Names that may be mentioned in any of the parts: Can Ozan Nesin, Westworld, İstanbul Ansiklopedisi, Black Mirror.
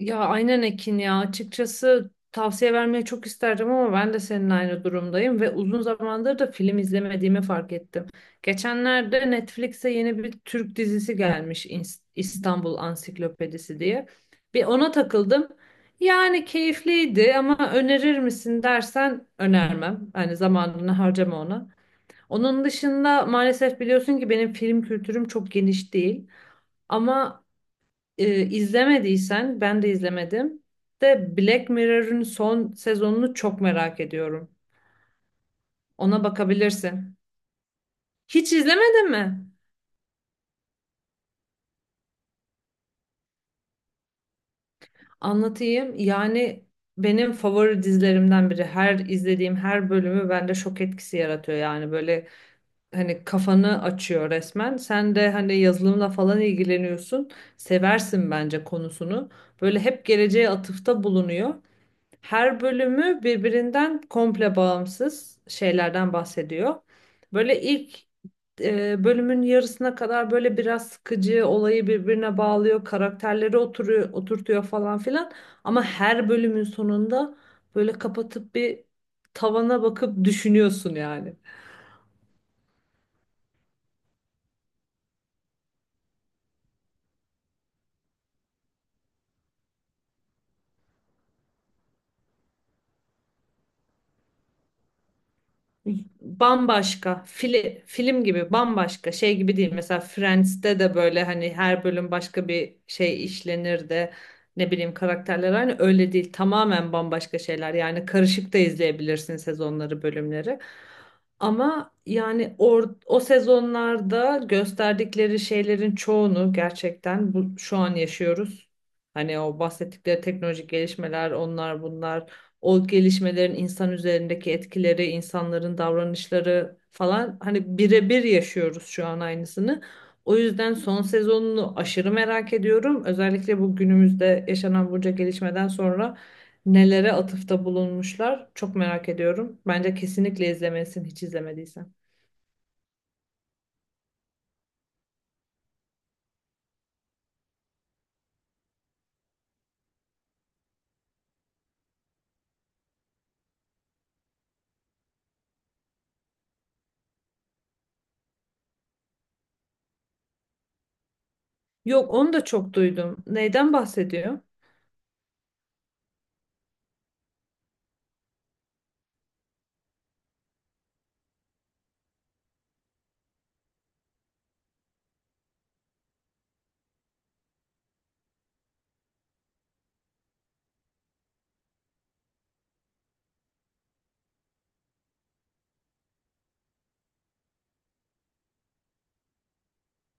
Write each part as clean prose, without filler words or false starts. Ya aynen Ekin ya açıkçası tavsiye vermeyi çok isterdim ama ben de senin aynı durumdayım ve uzun zamandır da film izlemediğimi fark ettim. Geçenlerde Netflix'e yeni bir Türk dizisi gelmiş, İstanbul Ansiklopedisi diye. Bir ona takıldım. Yani keyifliydi ama önerir misin dersen önermem. Hani zamanını harcama ona. Onun dışında maalesef biliyorsun ki benim film kültürüm çok geniş değil. Ama izlemediysen ben de izlemedim. De Black Mirror'ın son sezonunu çok merak ediyorum. Ona bakabilirsin. Hiç izlemedin mi? Anlatayım. Yani benim favori dizilerimden biri. Her izlediğim her bölümü bende şok etkisi yaratıyor. Yani böyle hani kafanı açıyor resmen. Sen de hani yazılımla falan ilgileniyorsun. Seversin bence konusunu. Böyle hep geleceğe atıfta bulunuyor. Her bölümü birbirinden komple bağımsız şeylerden bahsediyor. Böyle ilk bölümün yarısına kadar böyle biraz sıkıcı olayı birbirine bağlıyor, karakterleri oturtuyor falan filan. Ama her bölümün sonunda böyle kapatıp bir tavana bakıp düşünüyorsun yani. Bambaşka film gibi, bambaşka şey gibi değil. Mesela Friends'te de böyle hani her bölüm başka bir şey işlenir de ne bileyim, karakterler aynı. Öyle değil, tamamen bambaşka şeyler. Yani karışık da izleyebilirsin sezonları bölümleri, ama yani o sezonlarda gösterdikleri şeylerin çoğunu gerçekten şu an yaşıyoruz. Hani o bahsettikleri teknolojik gelişmeler, onlar bunlar, o gelişmelerin insan üzerindeki etkileri, insanların davranışları falan, hani birebir yaşıyoruz şu an aynısını. O yüzden son sezonunu aşırı merak ediyorum. Özellikle bu günümüzde yaşanan bunca gelişmeden sonra nelere atıfta bulunmuşlar çok merak ediyorum. Bence kesinlikle izlemelisin hiç izlemediysen. Yok, onu da çok duydum. Neyden bahsediyor?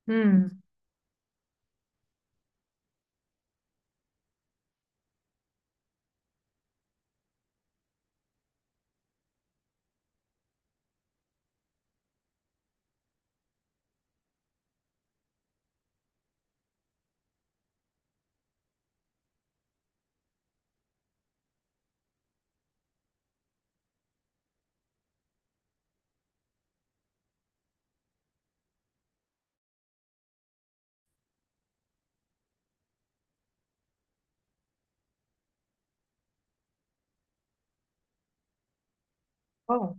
Hmm. Aa.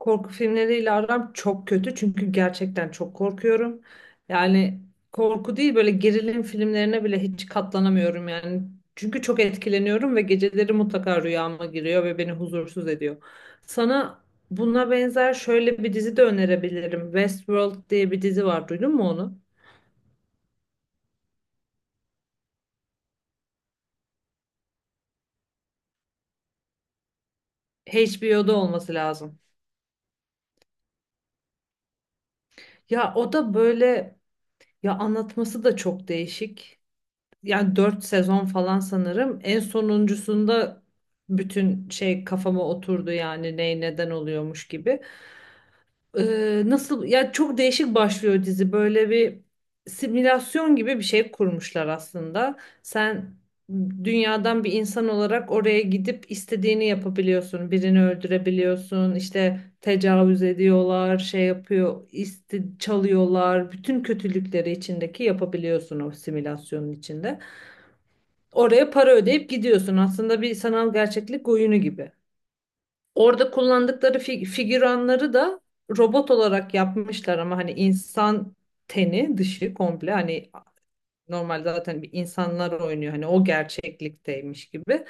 Korku filmleriyle aram çok kötü çünkü gerçekten çok korkuyorum. Yani korku değil, böyle gerilim filmlerine bile hiç katlanamıyorum yani. Çünkü çok etkileniyorum ve geceleri mutlaka rüyama giriyor ve beni huzursuz ediyor. Sana buna benzer şöyle bir dizi de önerebilirim. Westworld diye bir dizi var. Duydun mu onu? HBO'da olması lazım. Ya o da böyle, ya anlatması da çok değişik. Yani 4 sezon falan sanırım. En sonuncusunda bütün şey kafama oturdu, yani ne neden oluyormuş gibi. Nasıl ya, çok değişik başlıyor dizi. Böyle bir simülasyon gibi bir şey kurmuşlar aslında. Sen dünyadan bir insan olarak oraya gidip istediğini yapabiliyorsun. Birini öldürebiliyorsun. İşte tecavüz ediyorlar, şey yapıyor, isti çalıyorlar. Bütün kötülükleri içindeki yapabiliyorsun o simülasyonun içinde. Oraya para ödeyip gidiyorsun. Aslında bir sanal gerçeklik oyunu gibi. Orada kullandıkları figüranları da robot olarak yapmışlar, ama hani insan teni dışı komple hani normal, zaten bir insanlar oynuyor hani o gerçeklikteymiş gibi.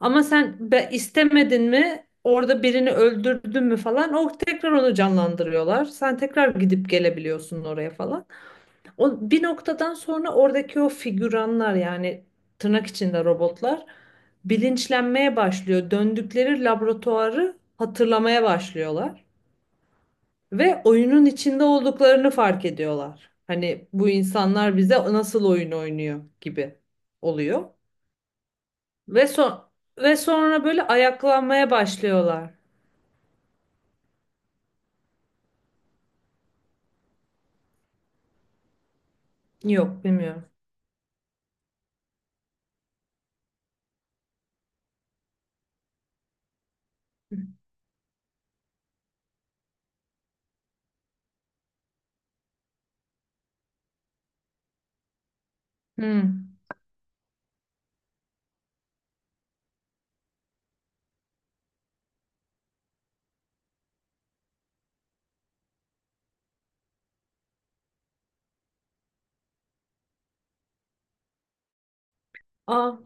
Ama sen istemedin mi, orada birini öldürdün mü falan, o tekrar onu canlandırıyorlar. Sen tekrar gidip gelebiliyorsun oraya falan. O bir noktadan sonra oradaki o figüranlar, yani tırnak içinde robotlar, bilinçlenmeye başlıyor. Döndükleri laboratuvarı hatırlamaya başlıyorlar ve oyunun içinde olduklarını fark ediyorlar. Hani bu insanlar bize nasıl oyun oynuyor gibi oluyor. Ve son Ve sonra böyle ayaklanmaya başlıyorlar. Yok, bilmiyorum. Hmm. Ah,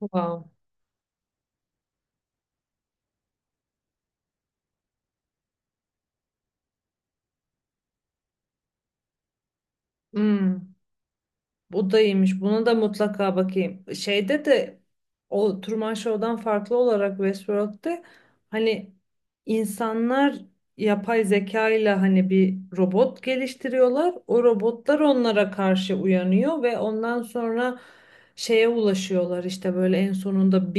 wow. Hmm. Bu da iyiymiş. Buna da mutlaka bakayım. Şeyde de o Truman Show'dan farklı olarak Westworld'de hani insanlar yapay zeka ile hani bir robot geliştiriyorlar. O robotlar onlara karşı uyanıyor ve ondan sonra şeye ulaşıyorlar, işte böyle en sonunda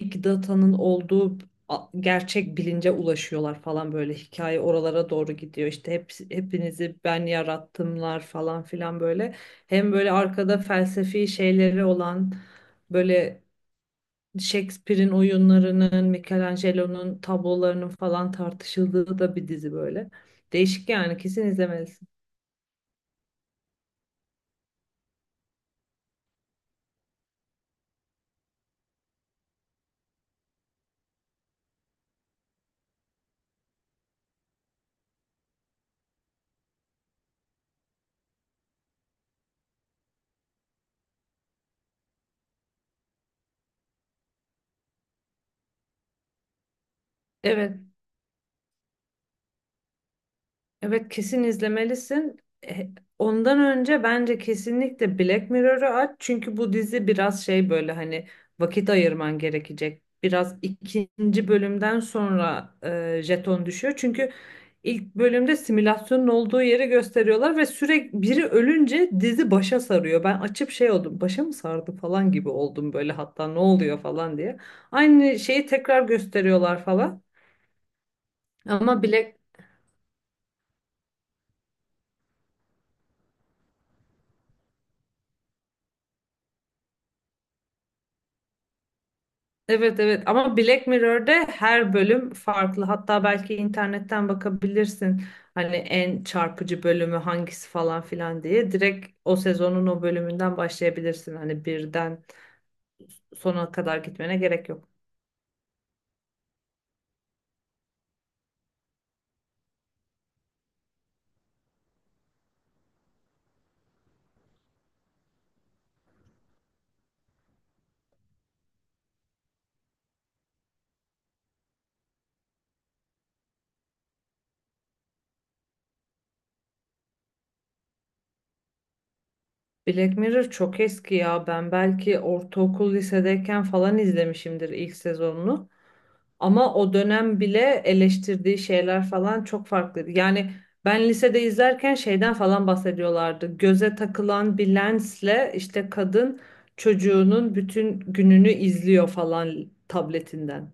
big data'nın olduğu gerçek bilince ulaşıyorlar falan, böyle hikaye oralara doğru gidiyor. İşte hepinizi ben yarattımlar falan filan böyle. Hem böyle arkada felsefi şeyleri olan, böyle Shakespeare'in oyunlarının, Michelangelo'nun tablolarının falan tartışıldığı da bir dizi böyle. Değişik yani, kesin izlemelisin. Evet. Evet, kesin izlemelisin. E, Ondan önce bence kesinlikle Black Mirror'ı aç. Çünkü bu dizi biraz şey, böyle hani vakit ayırman gerekecek. Biraz ikinci bölümden sonra jeton düşüyor. Çünkü ilk bölümde simülasyonun olduğu yeri gösteriyorlar ve sürekli biri ölünce dizi başa sarıyor. Ben açıp şey oldum. Başa mı sardı falan gibi oldum böyle, hatta ne oluyor falan diye. Aynı şeyi tekrar gösteriyorlar falan. Ama Black Evet, evet, ama Black Mirror'de her bölüm farklı. Hatta belki internetten bakabilirsin. Hani en çarpıcı bölümü hangisi falan filan diye. Direkt o sezonun o bölümünden başlayabilirsin. Hani birden sona kadar gitmene gerek yok. Black Mirror çok eski ya. Ben belki ortaokul lisedeyken falan izlemişimdir ilk sezonunu. Ama o dönem bile eleştirdiği şeyler falan çok farklıydı. Yani ben lisede izlerken şeyden falan bahsediyorlardı. Göze takılan bir lensle işte kadın çocuğunun bütün gününü izliyor falan tabletinden.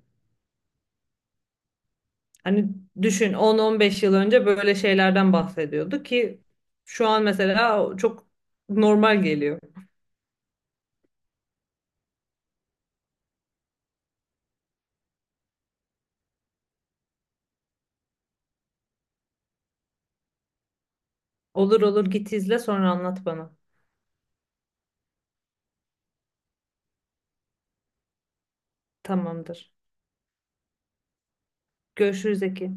Hani düşün, 10-15 yıl önce böyle şeylerden bahsediyordu ki şu an mesela çok normal geliyor. Olur olur, git izle sonra anlat bana. Tamamdır. Görüşürüz Eki.